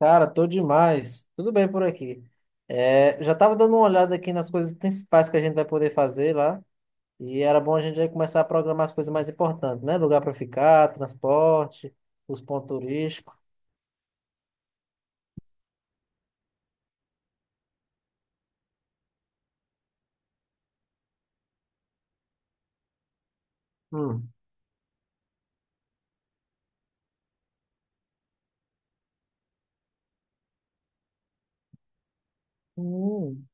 Cara, tô demais. Tudo bem por aqui. É, já tava dando uma olhada aqui nas coisas principais que a gente vai poder fazer lá. E era bom a gente já começar a programar as coisas mais importantes, né? Lugar para ficar, transporte, os pontos turísticos. Hum. Hum,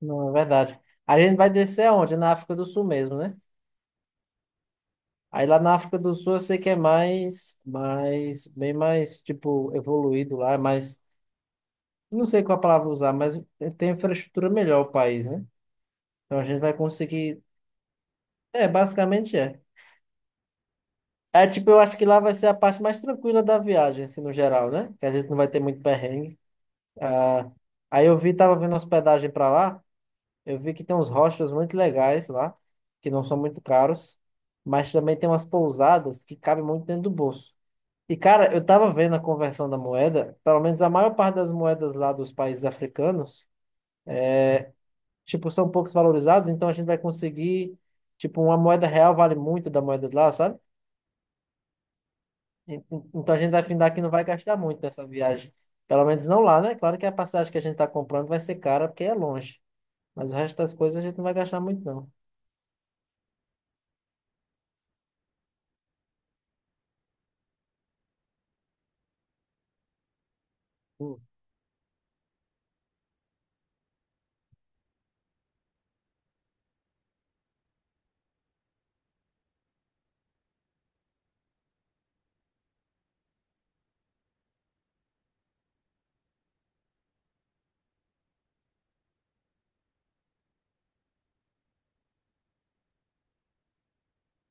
não, é verdade. A gente vai descer aonde? Na África do Sul mesmo, né? Aí lá na África do Sul eu sei que é mais, bem mais, tipo, evoluído lá, mas não sei qual a palavra usar, mas tem infraestrutura melhor o país, né? Então a gente vai conseguir. É, basicamente é. É tipo, eu acho que lá vai ser a parte mais tranquila da viagem, assim, no geral, né? Que a gente não vai ter muito perrengue. Ah, aí eu vi, tava vendo hospedagem pra lá, eu vi que tem uns hostels muito legais lá, que não são muito caros, mas também tem umas pousadas que cabem muito dentro do bolso. E, cara, eu tava vendo a conversão da moeda, pelo menos a maior parte das moedas lá dos países africanos, tipo, são poucos valorizados, então a gente vai conseguir, tipo, uma moeda real vale muito da moeda de lá, sabe? Então a gente vai findar que não vai gastar muito nessa viagem. Pelo menos não lá, né? Claro que a passagem que a gente está comprando vai ser cara porque é longe. Mas o resto das coisas a gente não vai gastar muito, não. Hum.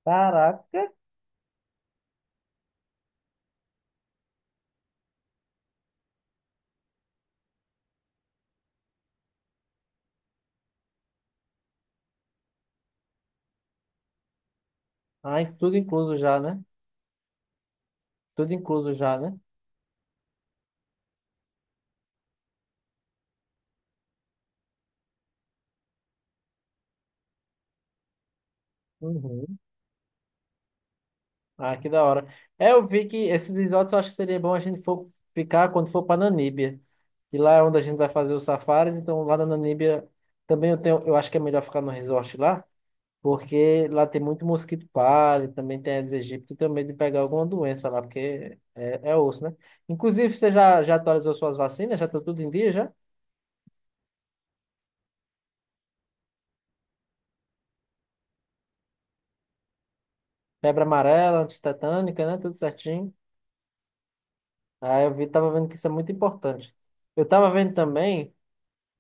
Caraca! Ah, e tudo incluso já, né? Tudo incluso já, né? Uhum. Ah, que da hora. É, eu vi que esses resorts eu acho que seria bom a gente for ficar quando for para Namíbia. E lá é onde a gente vai fazer os safaris, então lá na Namíbia também eu tenho, eu acho que é melhor ficar no resort lá. Porque lá tem muito mosquito palha, também tem Aedes aegypti, tenho medo de pegar alguma doença lá, porque é, é osso, né? Inclusive, você já atualizou suas vacinas? Já tá tudo em dia, já? Febre amarela, antitetânica, né? Tudo certinho. Ah, eu vi, tava vendo que isso é muito importante. Eu tava vendo também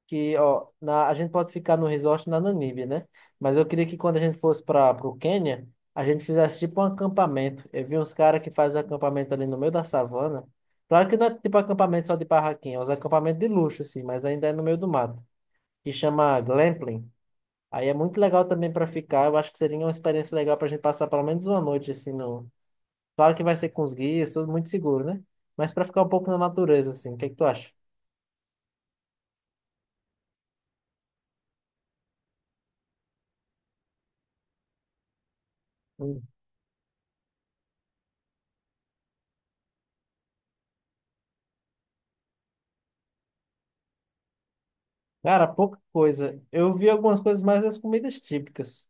que, ó, na, a gente pode ficar no resort na Namíbia, né? Mas eu queria que quando a gente fosse para o Quênia, a gente fizesse tipo um acampamento. Eu vi uns caras que fazem acampamento ali no meio da savana. Claro que não é tipo acampamento só de barraquinha, é uns acampamentos de luxo, assim, mas ainda é no meio do mato, que chama glamping. Aí é muito legal também para ficar. Eu acho que seria uma experiência legal para a gente passar pelo menos uma noite, assim, no... Claro que vai ser com os guias, tudo muito seguro, né? Mas para ficar um pouco na natureza, assim, o que é que tu acha? Cara, pouca coisa. Eu vi algumas coisas mais das comidas típicas,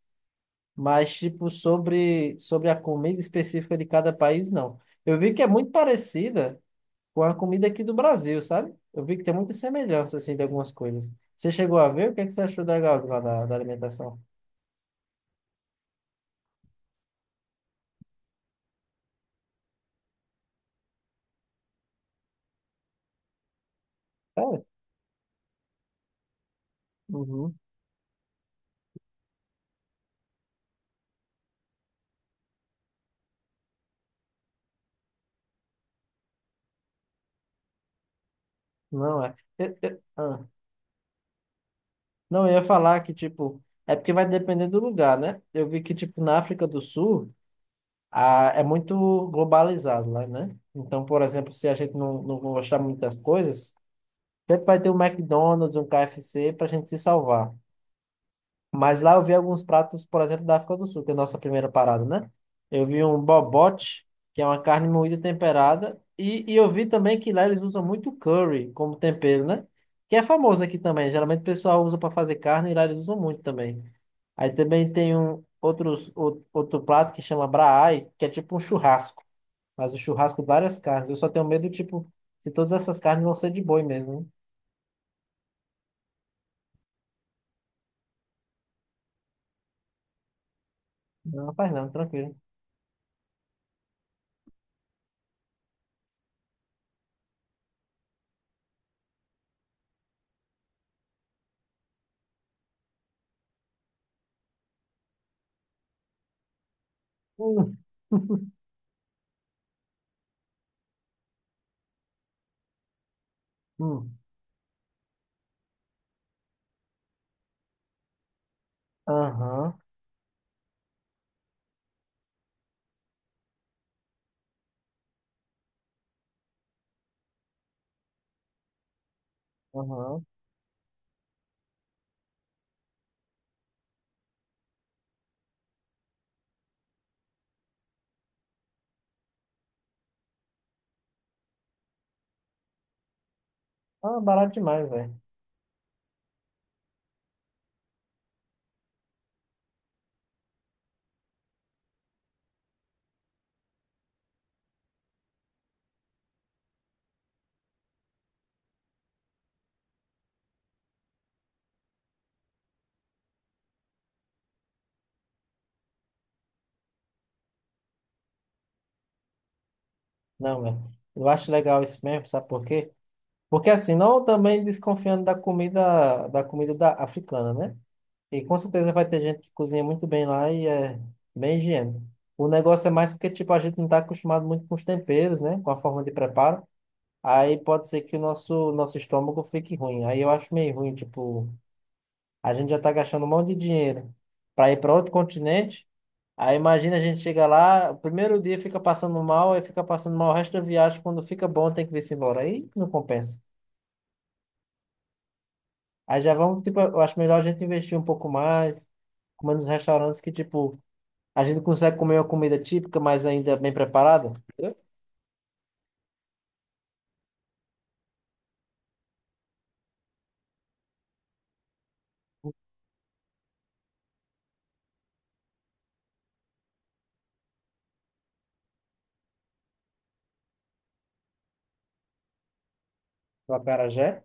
mas tipo sobre a comida específica de cada país, não. Eu vi que é muito parecida com a comida aqui do Brasil, sabe? Eu vi que tem muita semelhança assim de algumas coisas. Você chegou a ver? O que é que você achou da lá da, da alimentação? Sério? Uhum. Não é. Ah. Não, eu ia falar que tipo é porque vai depender do lugar, né? Eu vi que tipo na África do Sul é muito globalizado lá, né? Então, por exemplo, se a gente não gostar muito das coisas, sempre vai ter um McDonald's, um KFC para a gente se salvar. Mas lá eu vi alguns pratos, por exemplo, da África do Sul, que é a nossa primeira parada, né? Eu vi um bobote, que é uma carne moída temperada, e eu vi também que lá eles usam muito curry como tempero, né? Que é famoso aqui também. Geralmente o pessoal usa para fazer carne e lá eles usam muito também. Aí também tem um outros, outro prato que chama braai, que é tipo um churrasco. Mas o churrasco, várias carnes. Eu só tenho medo, tipo, se todas essas carnes vão ser de boi mesmo, hein? Não, rapaz, não, tranquilo. Hum, hum. Aham, aham. Ah, barato demais, velho. Não, velho. Eu acho legal isso mesmo, sabe por quê? Porque assim, não também desconfiando da comida, da comida da africana, né? E com certeza vai ter gente que cozinha muito bem lá e é bem higiênico. O negócio é mais porque, tipo, a gente não está acostumado muito com os temperos, né? Com a forma de preparo. Aí pode ser que o nosso estômago fique ruim. Aí eu acho meio ruim, tipo, a gente já tá gastando um monte de dinheiro para ir para outro continente. Aí imagina a gente chega lá, o primeiro dia fica passando mal, aí fica passando mal o resto da viagem. Quando fica bom, tem que vir-se embora. Aí não compensa. Aí já vamos, tipo, eu acho melhor a gente investir um pouco mais, comer nos restaurantes que, tipo, a gente consegue comer uma comida típica, mas ainda bem preparada. Entendeu? O acarajé.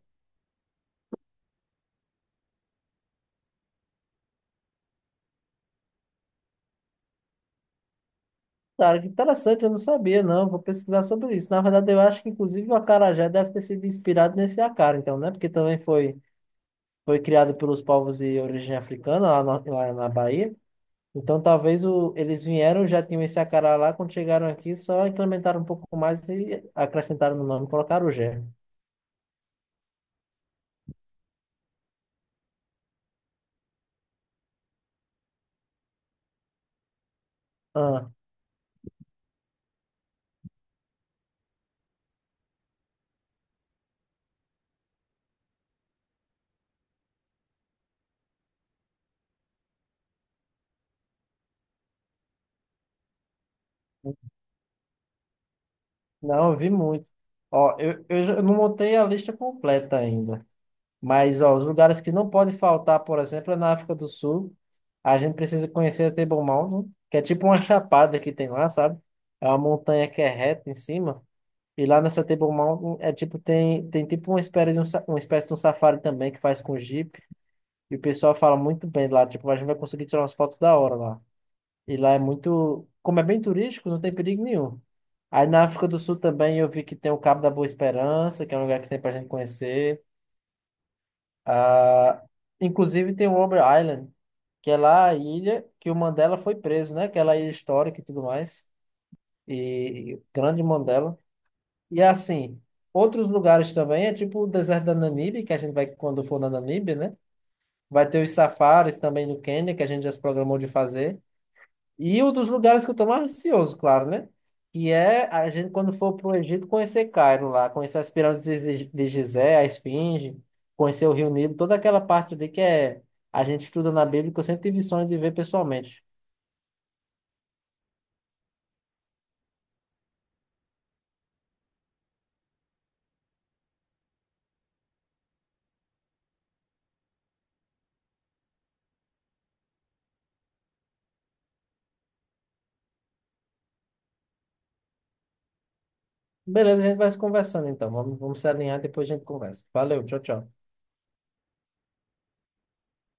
Cara, que interessante, eu não sabia, não. Vou pesquisar sobre isso. Na verdade, eu acho que, inclusive, o acarajé deve ter sido inspirado nesse acara, então, né? Porque também foi, foi criado pelos povos de origem africana, lá na Bahia. Então, talvez o, eles vieram, já tinham esse acará lá, quando chegaram aqui, só incrementaram um pouco mais e acrescentaram no nome, colocaram o gé. Ah, não, eu vi muito. Ó, eu não montei a lista completa ainda. Mas, ó, os lugares que não pode faltar, por exemplo, é na África do Sul. A gente precisa conhecer a Table Mountain, que é tipo uma chapada que tem lá, sabe? É uma montanha que é reta em cima. E lá nessa Table Mountain é tipo, tem, tem tipo uma espécie de um, uma espécie de um safari também que faz com Jeep. E o pessoal fala muito bem lá, tipo, a gente vai conseguir tirar umas fotos da hora lá. E lá é muito, como é bem turístico, não tem perigo nenhum. Aí na África do Sul também eu vi que tem o Cabo da Boa Esperança, que é um lugar que tem pra gente conhecer. Ah, inclusive tem o Robber Island, que é lá a ilha que o Mandela foi preso, né? Aquela ilha histórica e tudo mais. E, e o grande Mandela. E assim, outros lugares também, é tipo o deserto da Namíbia, que a gente vai quando for na Namíbia, né? Vai ter os safaris também no Quênia, que a gente já se programou de fazer. E um dos lugares que eu tô mais ansioso, claro, né? Que é a gente, quando for pro Egito, conhecer Cairo lá, conhecer as pirâmides de de Gizé, a Esfinge, conhecer o Rio Nilo, toda aquela parte ali que é, a gente estuda na Bíblia, que eu sempre tive sonho de ver pessoalmente. Beleza, a gente vai se conversando então. Vamos, vamos se alinhar, depois a gente conversa. Valeu, tchau, tchau.